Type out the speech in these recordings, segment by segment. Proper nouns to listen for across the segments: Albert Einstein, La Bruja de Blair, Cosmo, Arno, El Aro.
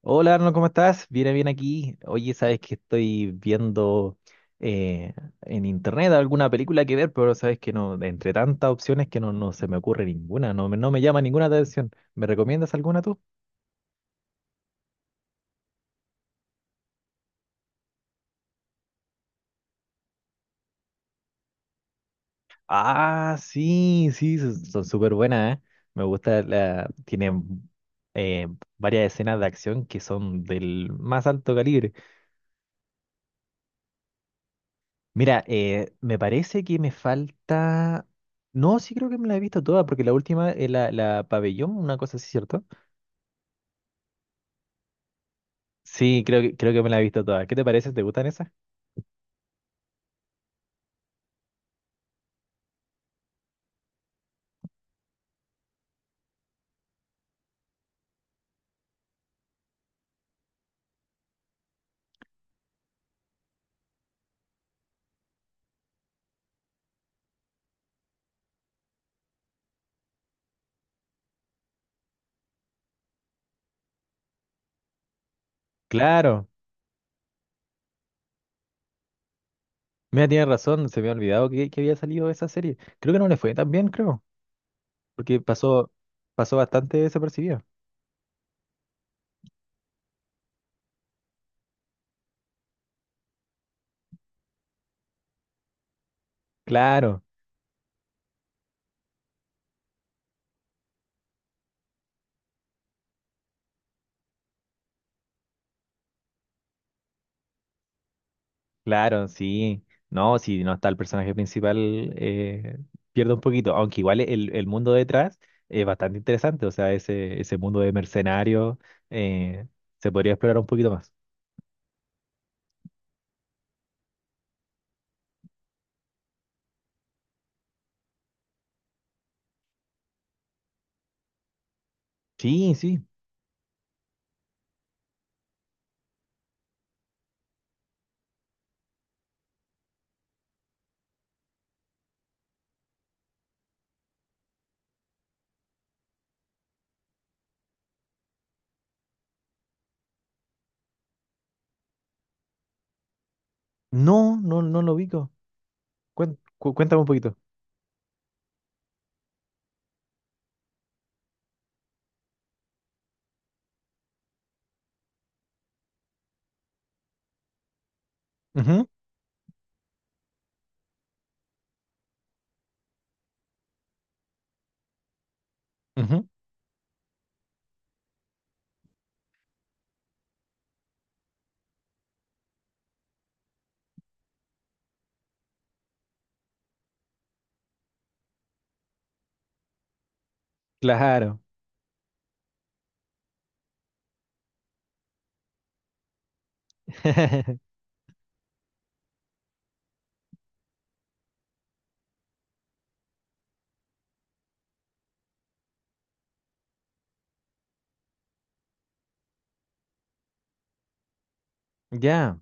Hola Arno, ¿cómo estás? Bien, bien aquí. Oye, sabes que estoy viendo eh, en internet alguna película que ver, pero sabes que no, entre tantas opciones que no, se me ocurre ninguna, no, no me llama ninguna atención. ¿Me recomiendas alguna tú? Ah, sí, sí, son súper buenas, ¿eh? Me gusta la, tienen eh, varias escenas de acción que son del más alto calibre. Mira, me parece que me falta. No, sí creo que me la he visto toda, porque la última es la pabellón, una cosa así, ¿cierto? Sí, creo que me la he visto toda. ¿Qué te parece? ¿Te gustan esas? Claro. Mira, tienes razón, se me ha olvidado que había salido esa serie. Creo que no le fue tan bien, creo, porque pasó, pasó bastante desapercibida. Claro. Claro, sí. No, si no está el personaje principal, eh, pierde un poquito. Aunque igual el mundo detrás es bastante interesante. O sea, ese mundo de mercenarios eh, se podría explorar un poquito más. Sí, sí. No, no, no lo ubico. Cuéntame un poquito. Ujú, ujú. Claro. Ya,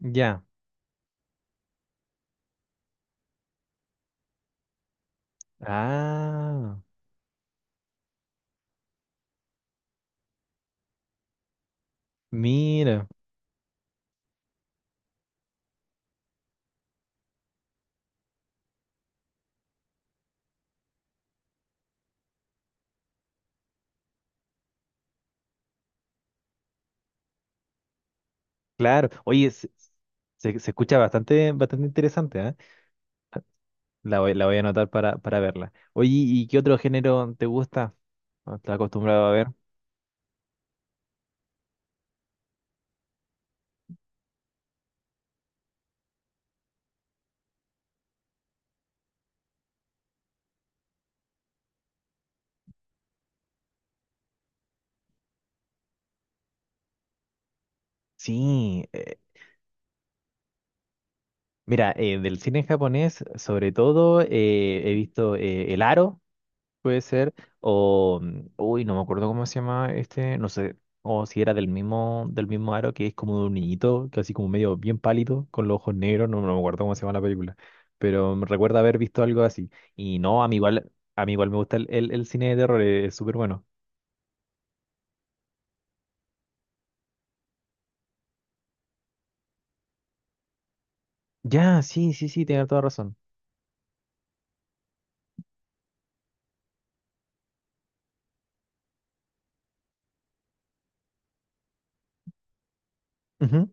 ya. Ah, mira. Claro. Oye, se escucha bastante, bastante interesante, ¿ah? La voy a anotar para verla. Oye, ¿y qué otro género te gusta? ¿O ¿Estás acostumbrado a ver? Sí, mira, del cine japonés, sobre todo, he visto El Aro, puede ser, o, uy, no me acuerdo cómo se llama este, no sé, o si era del mismo Aro, que es como de un niñito, que así como medio bien pálido, con los ojos negros, no, no me acuerdo cómo se llama la película, pero me recuerda haber visto algo así. Y no, a mí igual me gusta el cine de terror, es súper bueno. Ya, sí, sí, sí, tienes toda razón. Ujú.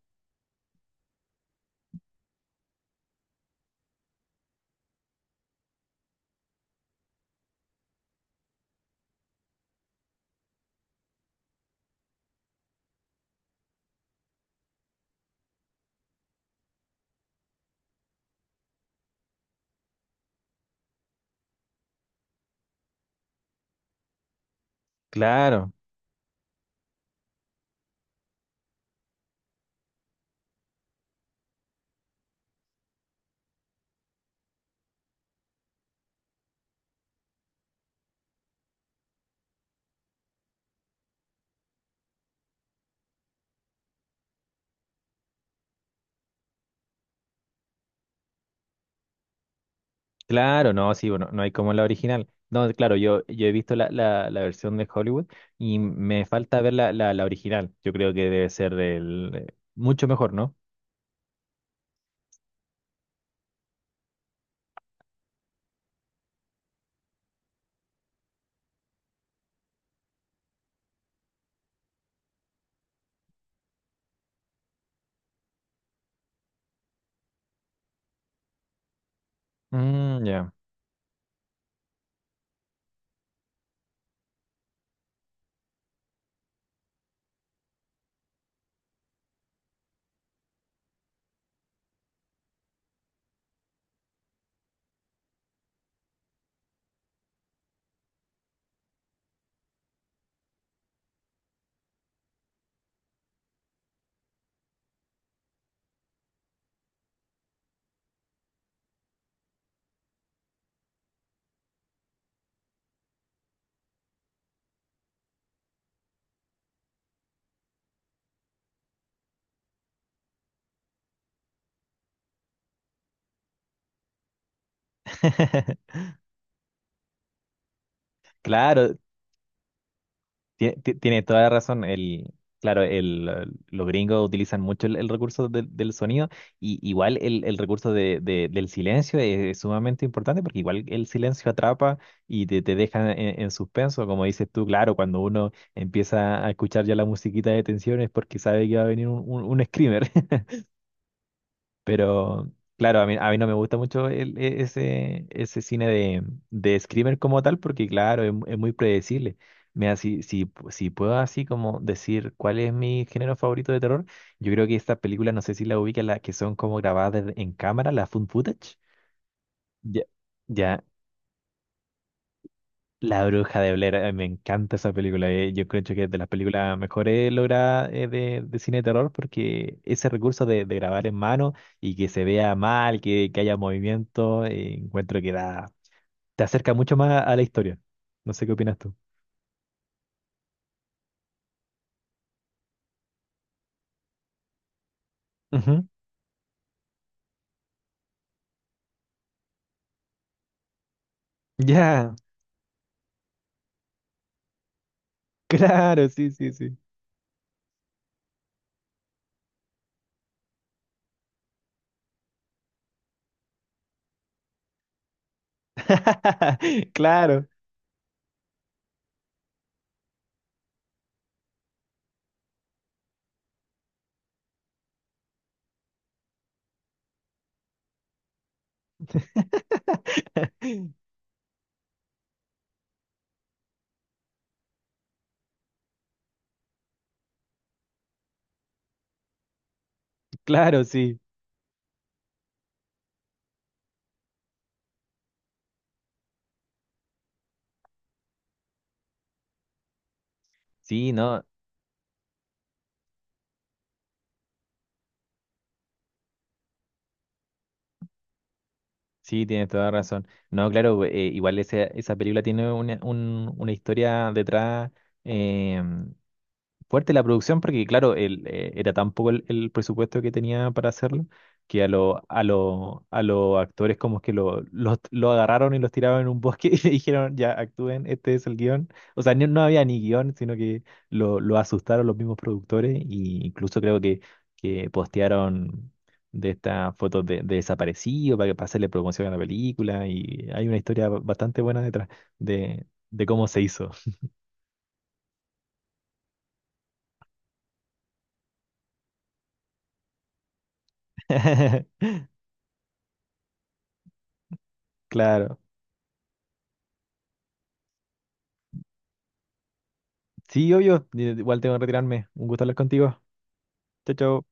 Claro, claro, no, sí, bueno, no hay como la original. No, claro, yo he visto la versión de Hollywood y me falta ver la original. Yo creo que debe ser del, mucho mejor, ¿no? Mm, ya. Claro. Tiene toda la razón. El, claro, el, los gringos utilizan mucho el recurso del sonido y igual el recurso de, del silencio es sumamente importante porque igual el silencio atrapa y te deja en suspenso, como dices tú, claro, cuando uno empieza a escuchar ya la musiquita de tensión es porque sabe que va a venir un screamer. Pero claro, a mí no me gusta mucho ese, ese cine de Screamer como tal, porque claro, es, es muy predecible. Mira, si puedo así como decir cuál es mi género favorito de terror, yo creo que estas películas, no sé si la ubican, las que son como grabadas en cámara, la found footage. Ya, ya, la Bruja de Blair, me encanta esa película. Yo creo que es de las películas mejores logradas de cine de terror porque ese recurso de grabar en mano y que se vea mal, que haya movimiento, encuentro te acerca mucho más a la historia. No sé qué opinas tú. Ujú. Ya, claro, sí, sí, sí. Claro. Claro, sí. Sí, no, sí, tienes toda la razón. No, claro, igual esa, esa película tiene una, una historia detrás, em, fuerte la producción porque, claro, el, era tan poco el presupuesto que tenía para hacerlo que a los actores como que lo agarraron y los tiraron en un bosque y le dijeron, ya, actúen, este es el guión. O sea, no, no había ni guión, sino que lo asustaron los mismos productores e incluso creo que postearon de estas fotos de desaparecido para, para hacerle promoción a la película y hay una historia bastante buena detrás de cómo se hizo. Claro. Sí, obvio. Igual tengo que retirarme. Un gusto hablar contigo. Chao, chao.